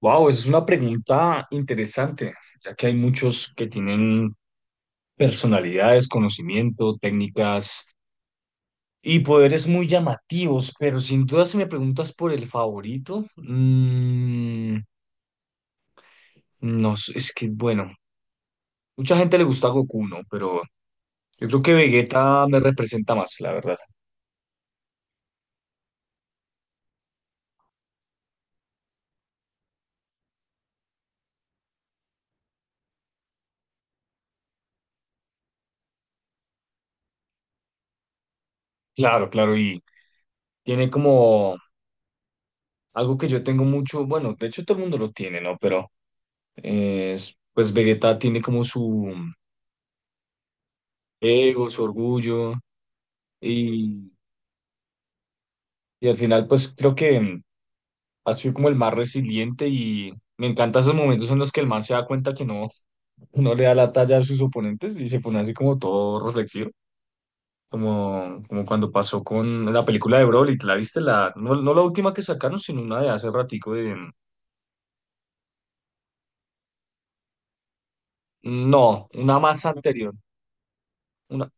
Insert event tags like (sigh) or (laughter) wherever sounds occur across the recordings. Wow, es una pregunta interesante, ya que hay muchos que tienen personalidades, conocimiento, técnicas y poderes muy llamativos, pero sin duda si me preguntas por el favorito, no sé, es que bueno, mucha gente le gusta Goku, ¿no? Pero yo creo que Vegeta me representa más, la verdad. Claro, claro, y tiene como algo que yo tengo mucho, bueno, de hecho todo el mundo lo tiene, ¿no? Pero pues Vegeta tiene como su ego, su orgullo y, y al final pues creo que ha sido como el más resiliente y me encantan esos momentos en los que el man se da cuenta que no, (laughs) no le da la talla a sus oponentes y se pone así como todo reflexivo, como cuando pasó con la película de Broly, ¿te la viste? La, no, no la última que sacaron, sino una de hace ratico de... No, una más anterior, una,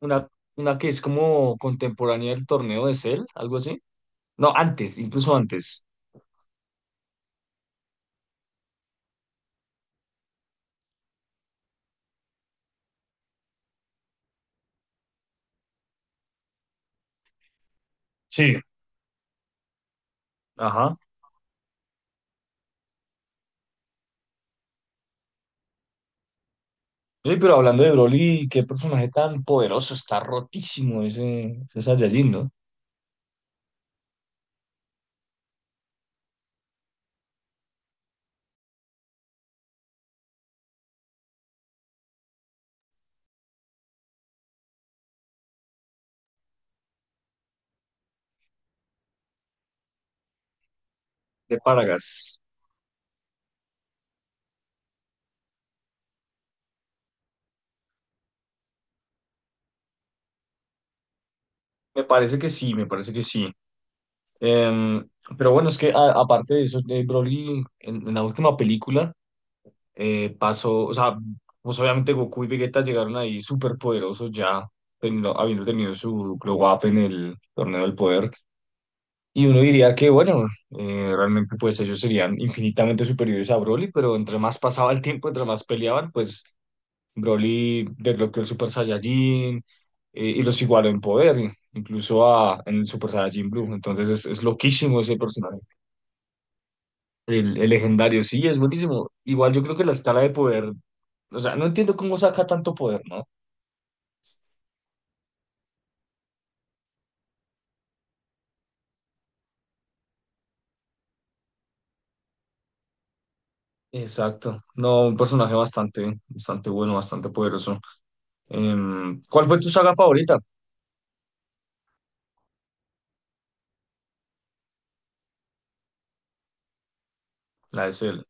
una, una que es como contemporánea del torneo de Cell, algo así. No, antes, incluso antes. Sí. Ajá. Oye, pero hablando de Broly, qué personaje tan poderoso, está rotísimo ese, ese Saiyajin, ¿no? De Paragas. Me parece que sí, me parece que sí. Em, pero bueno, es que aparte de eso, de Broly en la última película pasó, o sea, pues obviamente Goku y Vegeta llegaron ahí súper poderosos ya, habiendo tenido su glow up en el torneo del poder. Y uno diría que, bueno, realmente pues ellos serían infinitamente superiores a Broly, pero entre más pasaba el tiempo, entre más peleaban, pues Broly desbloqueó el Super Saiyajin y los igualó en poder, incluso a, en el Super Saiyajin Blue. Entonces es loquísimo ese personaje. El legendario, sí, es buenísimo. Igual yo creo que la escala de poder, o sea, no entiendo cómo saca tanto poder, ¿no? Exacto. No, un personaje bastante, bastante bueno, bastante poderoso. ¿Cuál fue tu saga favorita? La de Cell.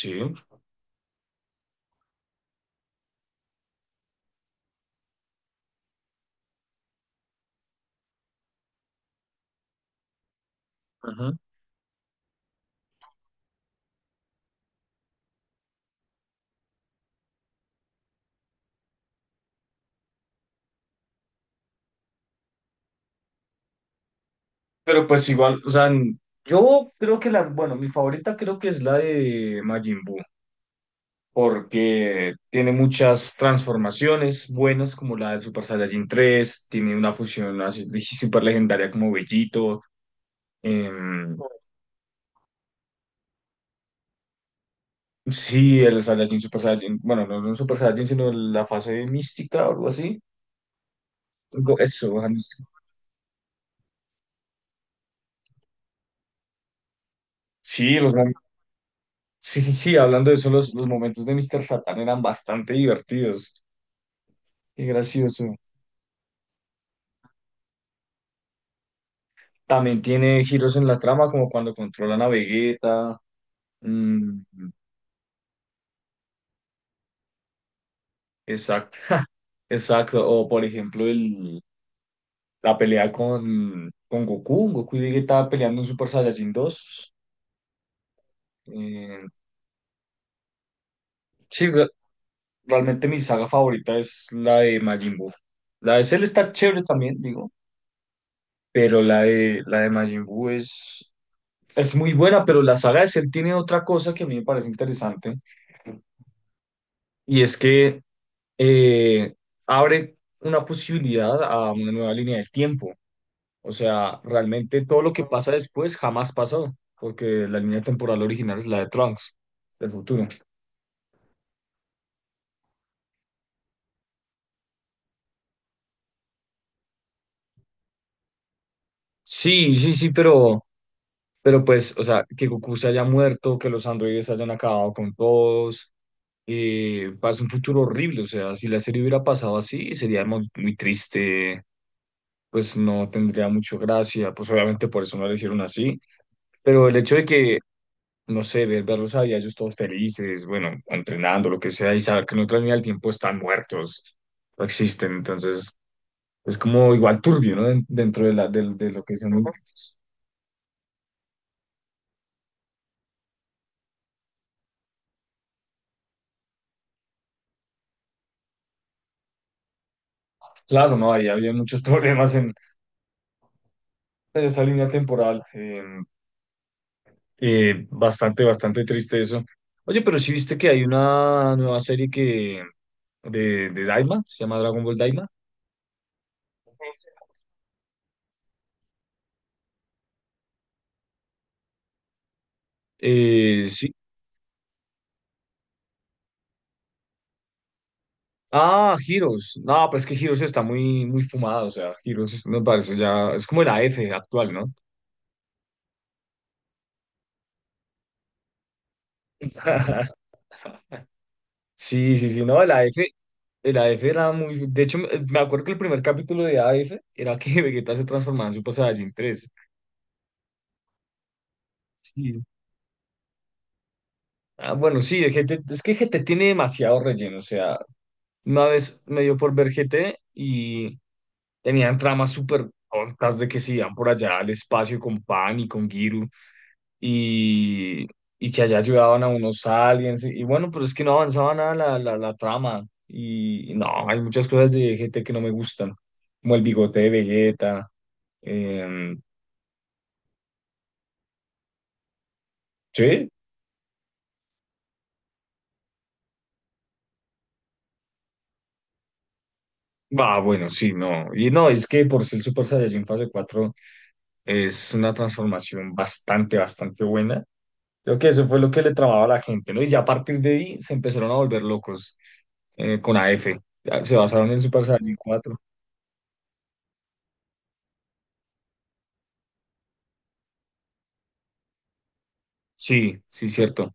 Sí. Ajá. Pero pues igual, o sea, yo creo que la, bueno, mi favorita creo que es la de Majin Buu. Porque tiene muchas transformaciones buenas, como la de Super Saiyajin 3 tiene una fusión así (laughs) super legendaria como Bellito. em, sí, el Saiyajin Super Saiyajin, bueno, no, no Super Saiyajin, sino la fase mística o algo así. Eso, ajá, místico. Sí, sí, sí, sí, hablando de eso, los momentos de Mr. Satan eran bastante divertidos. Qué gracioso. También tiene giros en la trama, como cuando controlan a Vegeta. mm, exacto. Exacto, o por ejemplo la pelea con Goku, Goku y Vegeta peleando en Super Saiyajin 2. Eh, sí, realmente mi saga favorita es la de Majin Buu. La de Cell está chévere también, digo, pero la de Majin Buu es muy buena, pero la saga de Cell tiene otra cosa que a mí me parece interesante, y es que eh, abre una posibilidad a una nueva línea del tiempo. O sea, realmente todo lo que pasa después jamás pasó, porque la línea temporal original es la de Trunks, del futuro. Sí, sí, sí, pero pues, o sea, que Goku se haya muerto, que los androides hayan acabado con todos, parece un futuro horrible. O sea, si la serie hubiera pasado así, sería muy, muy triste, pues no tendría mucho gracia, pues obviamente por eso no la hicieron así. Pero el hecho de que no sé, ver, verlos a ellos todos felices, bueno, entrenando, lo que sea, y saber que en otra línea del tiempo están muertos, no existen, entonces es como igual turbio, ¿no? Dentro de, la, de lo que son los muertos. Claro, no, ahí había muchos (laughs) problemas en esa línea temporal, bastante, bastante triste eso. Oye, pero sí viste que hay una nueva serie que de Daima, se llama Dragon Ball Daima. Sí, Ah, Heroes. No, pero es que Heroes está muy, muy fumado. O sea, Heroes me parece ya. Es como el A F actual, ¿no? (laughs) Sí, sí, sí, no, el A F, El A F era muy. De hecho, me acuerdo que el primer capítulo de A F era que (laughs) Vegeta se transformaba en Super Saiyajin 3. Sí. Ah, bueno, sí, el G T. Es que G T tiene demasiado relleno. O sea, una vez me dio por ver G T y tenían tramas súper tontas de que se iban por allá al espacio con Pan y con Giru. y, y que allá ayudaban a unos aliens. Y bueno, pero es que no avanzaba nada la, la, la trama. Y no, hay muchas cosas de GT que no me gustan, como el bigote de Vegeta. em, ¿Sí? Ah, bueno, sí, no. Y no, es que por ser Super Saiyajin fase 4 es una transformación bastante, bastante buena. Creo que eso fue lo que le tramaba a la gente, ¿no? Y ya a partir de ahí se empezaron a volver locos con AF. Ya se basaron en Super Saiyajin cuatro. Sí, sí, cierto.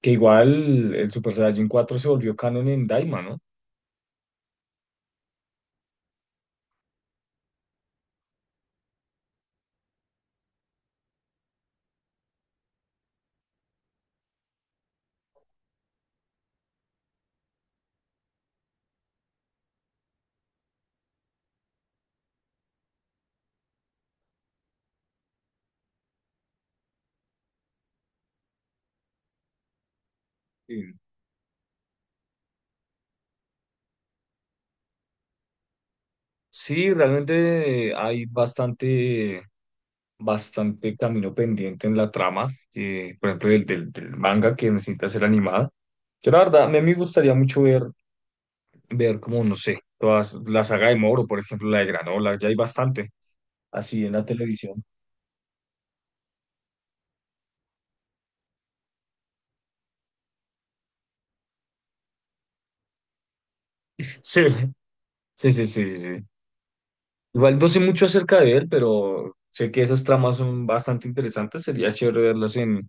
Que igual el Super Saiyajin 4 se volvió canon en Daima, ¿no? Eh, sí, realmente hay bastante, bastante camino pendiente en la trama, por ejemplo, del, del, del manga que necesita ser animada. Yo la verdad, a mí me gustaría mucho ver, ver como, no sé, todas, la saga de Moro, por ejemplo, la de Granola, ya hay bastante así en la televisión. Sí, sí, sí, sí, sí. Igual no sé mucho acerca de él, pero sé que esas tramas son bastante interesantes, sería chévere verlas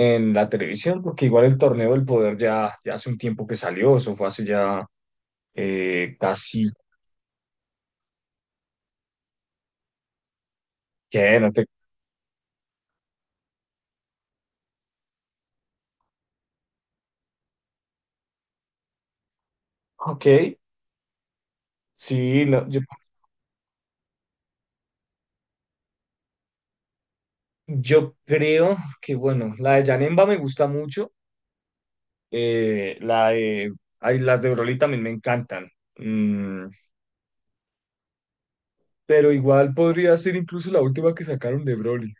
en la televisión, porque igual el torneo del poder ya, ya hace un tiempo que salió, eso fue hace ya casi que no te. Ok, sí, no, yo creo que bueno, la de Janemba me gusta mucho, la de, ay, las de Broly también me encantan, mm, pero igual podría ser incluso la última que sacaron de Broly.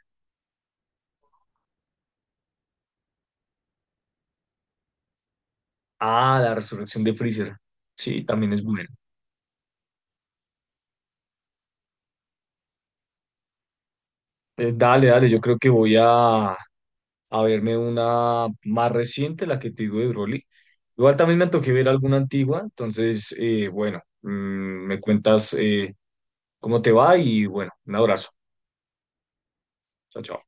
Ah, la resurrección de Freezer, sí, también es buena. Dale, dale, yo creo que voy a verme una más reciente, la que te digo de Broly. Igual también me antojé ver alguna antigua, entonces, bueno, me cuentas cómo te va y bueno, un abrazo. Chao, chao.